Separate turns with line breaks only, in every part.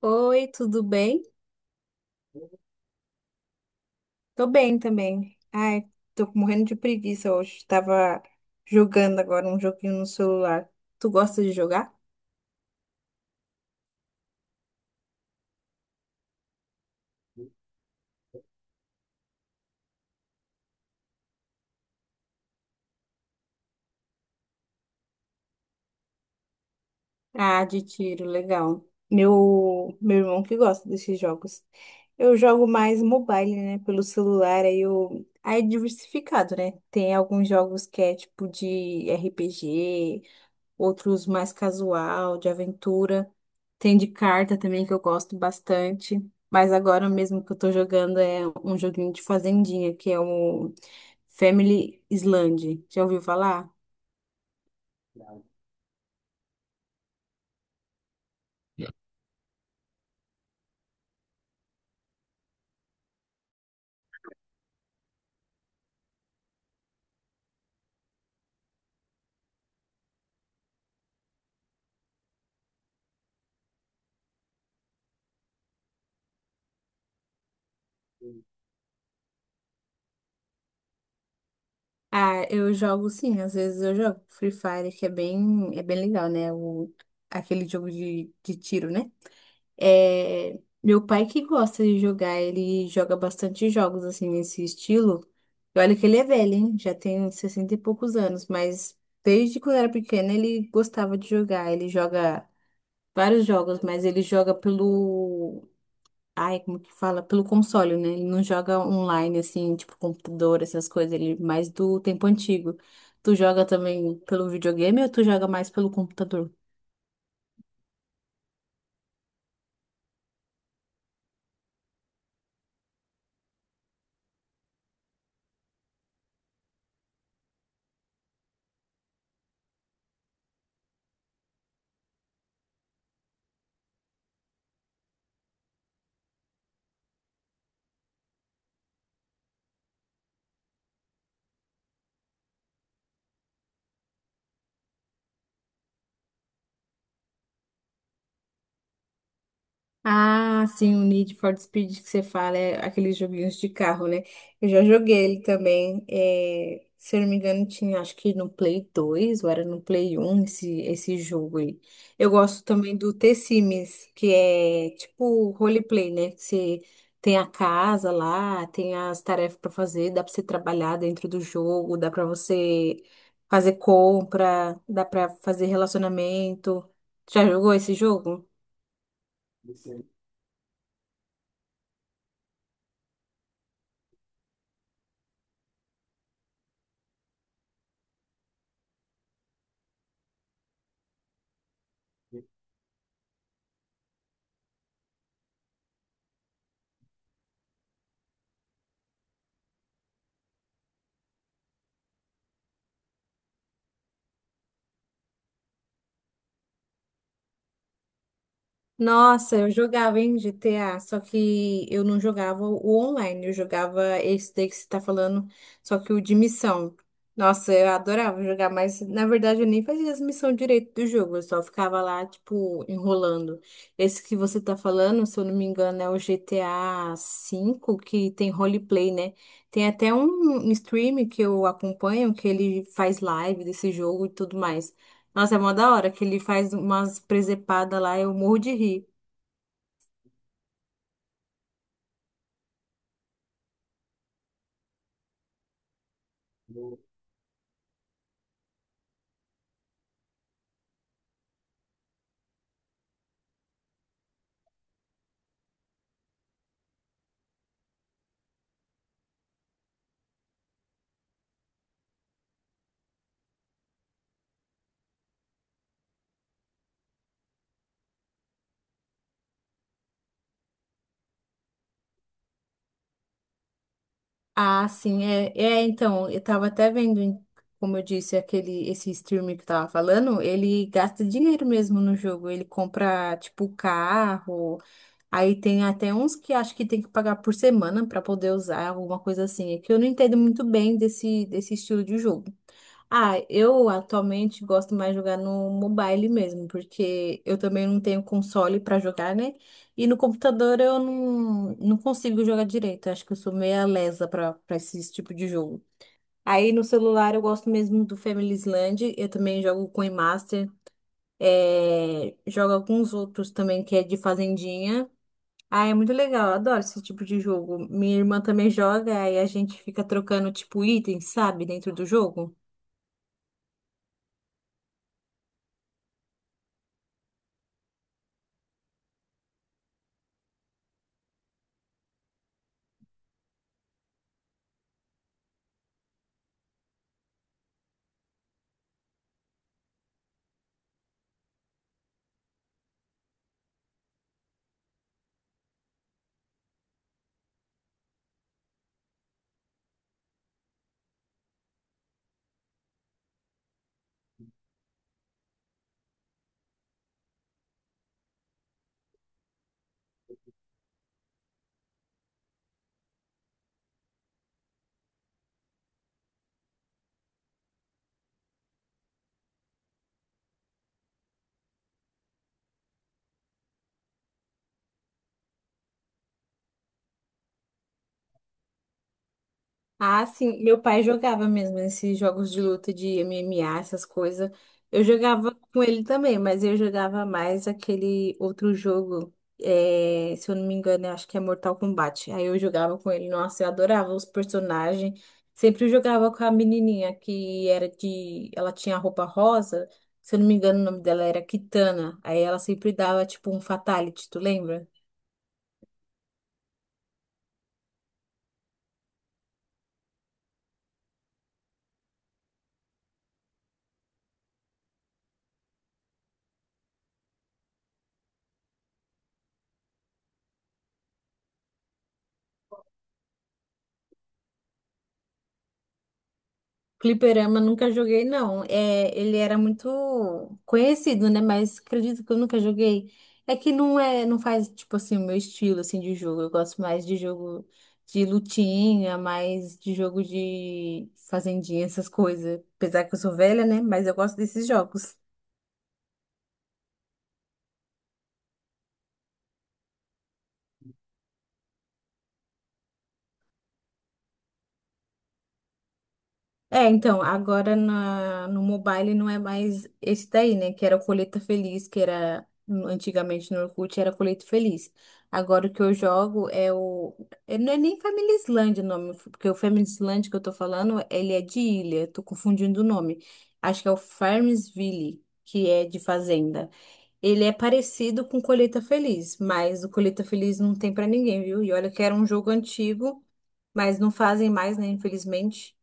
Oi, tudo bem? Tô bem também. Ai, tô morrendo de preguiça hoje. Tava jogando agora um joguinho no celular. Tu gosta de jogar? Ah, de tiro, legal. Meu irmão que gosta desses jogos. Eu jogo mais mobile, né? Pelo celular, aí eu. Aí é diversificado, né? Tem alguns jogos que é tipo de RPG, outros mais casual, de aventura. Tem de carta também que eu gosto bastante. Mas agora mesmo que eu tô jogando é um joguinho de fazendinha, que é o Family Island. Já ouviu falar? Ah, eu jogo sim, às vezes eu jogo Free Fire, que é bem legal, né? Aquele jogo de tiro, né? É, meu pai que gosta de jogar, ele joga bastante jogos assim nesse estilo. E olha que ele é velho, hein? Já tem 60 e poucos anos, mas desde quando era pequeno ele gostava de jogar. Ele joga vários jogos, mas ele joga pelo. Ai, como que fala? Pelo console, né? Ele não joga online, assim, tipo computador, essas coisas. Ele é mais do tempo antigo. Tu joga também pelo videogame ou tu joga mais pelo computador? Ah, sim, o Need for Speed que você fala, é aqueles joguinhos de carro, né? Eu já joguei ele também. Se eu não me engano, tinha acho que no Play 2 ou era no Play 1 esse jogo aí. Eu gosto também do The Sims que é tipo roleplay, né? Que você tem a casa lá, tem as tarefas para fazer, dá para você trabalhar dentro do jogo, dá para você fazer compra, dá para fazer relacionamento. Já jogou esse jogo? Nossa, eu jogava em GTA, só que eu não jogava o online, eu jogava esse daí que você tá falando, só que o de missão. Nossa, eu adorava jogar, mas na verdade eu nem fazia as missões direito do jogo, eu só ficava lá, tipo, enrolando. Esse que você tá falando, se eu não me engano, é o GTA 5 que tem roleplay, né? Tem até um stream que eu acompanho, que ele faz live desse jogo e tudo mais. Nossa, é mó da hora que ele faz umas presepadas lá, eu morro de rir. Ah, sim, então, eu tava até vendo, como eu disse, esse streamer que eu tava falando, ele gasta dinheiro mesmo no jogo, ele compra, tipo, carro, aí tem até uns que acho que tem que pagar por semana pra poder usar, alguma coisa assim, é que eu não entendo muito bem desse estilo de jogo. Ah, eu atualmente gosto mais de jogar no mobile mesmo, porque eu também não tenho console pra jogar, né? E no computador eu não consigo jogar direito. Acho que eu sou meia lesa pra para esse tipo de jogo. Aí no celular eu gosto mesmo do Family Island, eu também jogo Coin Master, jogo alguns outros também que é de fazendinha. Ah, é muito legal, eu adoro esse tipo de jogo. Minha irmã também joga, aí a gente fica trocando tipo itens, sabe, dentro do jogo. Ah, sim, meu pai jogava mesmo esses jogos de luta de MMA, essas coisas. Eu jogava com ele também, mas eu jogava mais aquele outro jogo, se eu não me engano, eu acho que é Mortal Kombat. Aí eu jogava com ele, nossa, eu adorava os personagens. Sempre jogava com a menininha que era de. Ela tinha roupa rosa, se eu não me engano, o nome dela era Kitana. Aí ela sempre dava tipo um fatality, tu lembra? Fliperama nunca joguei, não. É, ele era muito conhecido, né? Mas acredito que eu nunca joguei. É que não é, não faz, tipo assim, o meu estilo assim de jogo. Eu gosto mais de jogo de lutinha, mais de jogo de fazendinha, essas coisas. Apesar que eu sou velha, né? Mas eu gosto desses jogos. É, então, agora no mobile não é mais esse daí, né? Que era o Colheita Feliz, que era antigamente no Orkut era Colheita Feliz. Agora o que eu jogo é o. Não é nem Família Islândia o nome, porque o Família Islândia que eu tô falando, ele é de ilha, tô confundindo o nome. Acho que é o Farmsville, que é de fazenda. Ele é parecido com Colheita Feliz, mas o Colheita Feliz não tem pra ninguém, viu? E olha que era um jogo antigo, mas não fazem mais, né? Infelizmente.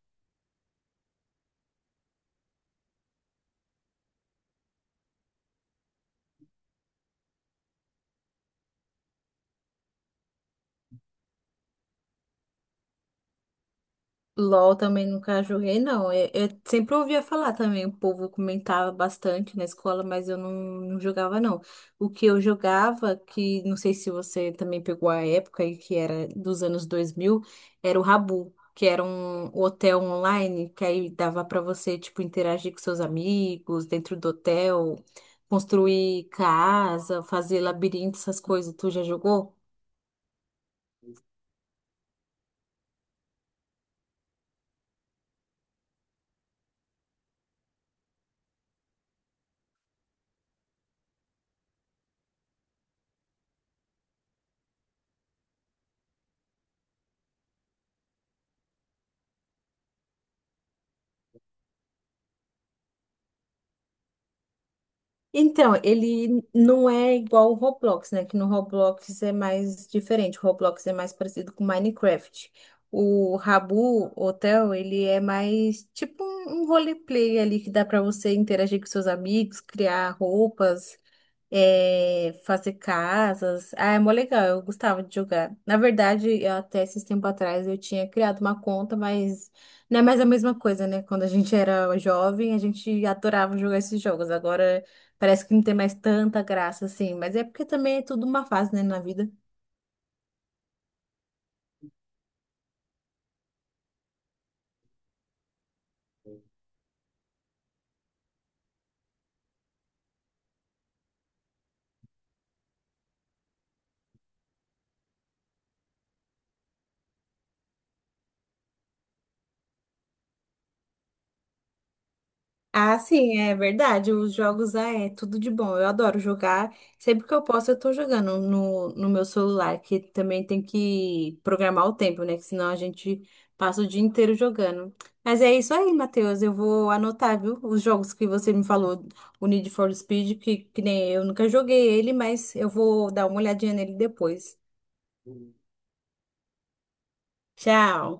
LOL também nunca joguei, não. Eu sempre ouvia falar também, o povo comentava bastante na escola, mas eu não jogava, não. O que eu jogava, que não sei se você também pegou a época aí, que era dos anos 2000 era o Rabu, que era um hotel online, que aí dava para você, tipo, interagir com seus amigos dentro do hotel, construir casa, fazer labirinto, essas coisas. Tu já jogou? Então, ele não é igual o Roblox, né? Que no Roblox é mais diferente. O Roblox é mais parecido com Minecraft. O Rabu Hotel, ele é mais tipo um roleplay ali que dá pra você interagir com seus amigos, criar roupas, fazer casas. Ah, é mó legal, eu gostava de jogar. Na verdade, eu até esses tempos atrás eu tinha criado uma conta, mas não é mais a mesma coisa, né? Quando a gente era jovem, a gente adorava jogar esses jogos. Agora parece que não tem mais tanta graça assim, mas é porque também é tudo uma fase, né, na vida. Ah, sim, é verdade. Os jogos é tudo de bom. Eu adoro jogar. Sempre que eu posso, eu tô jogando no meu celular, que também tem que programar o tempo, né? Que senão a gente passa o dia inteiro jogando. Mas é isso aí, Matheus. Eu vou anotar, viu? Os jogos que você me falou, o Need for Speed, que nem eu nunca joguei ele, mas eu vou dar uma olhadinha nele depois. Tchau.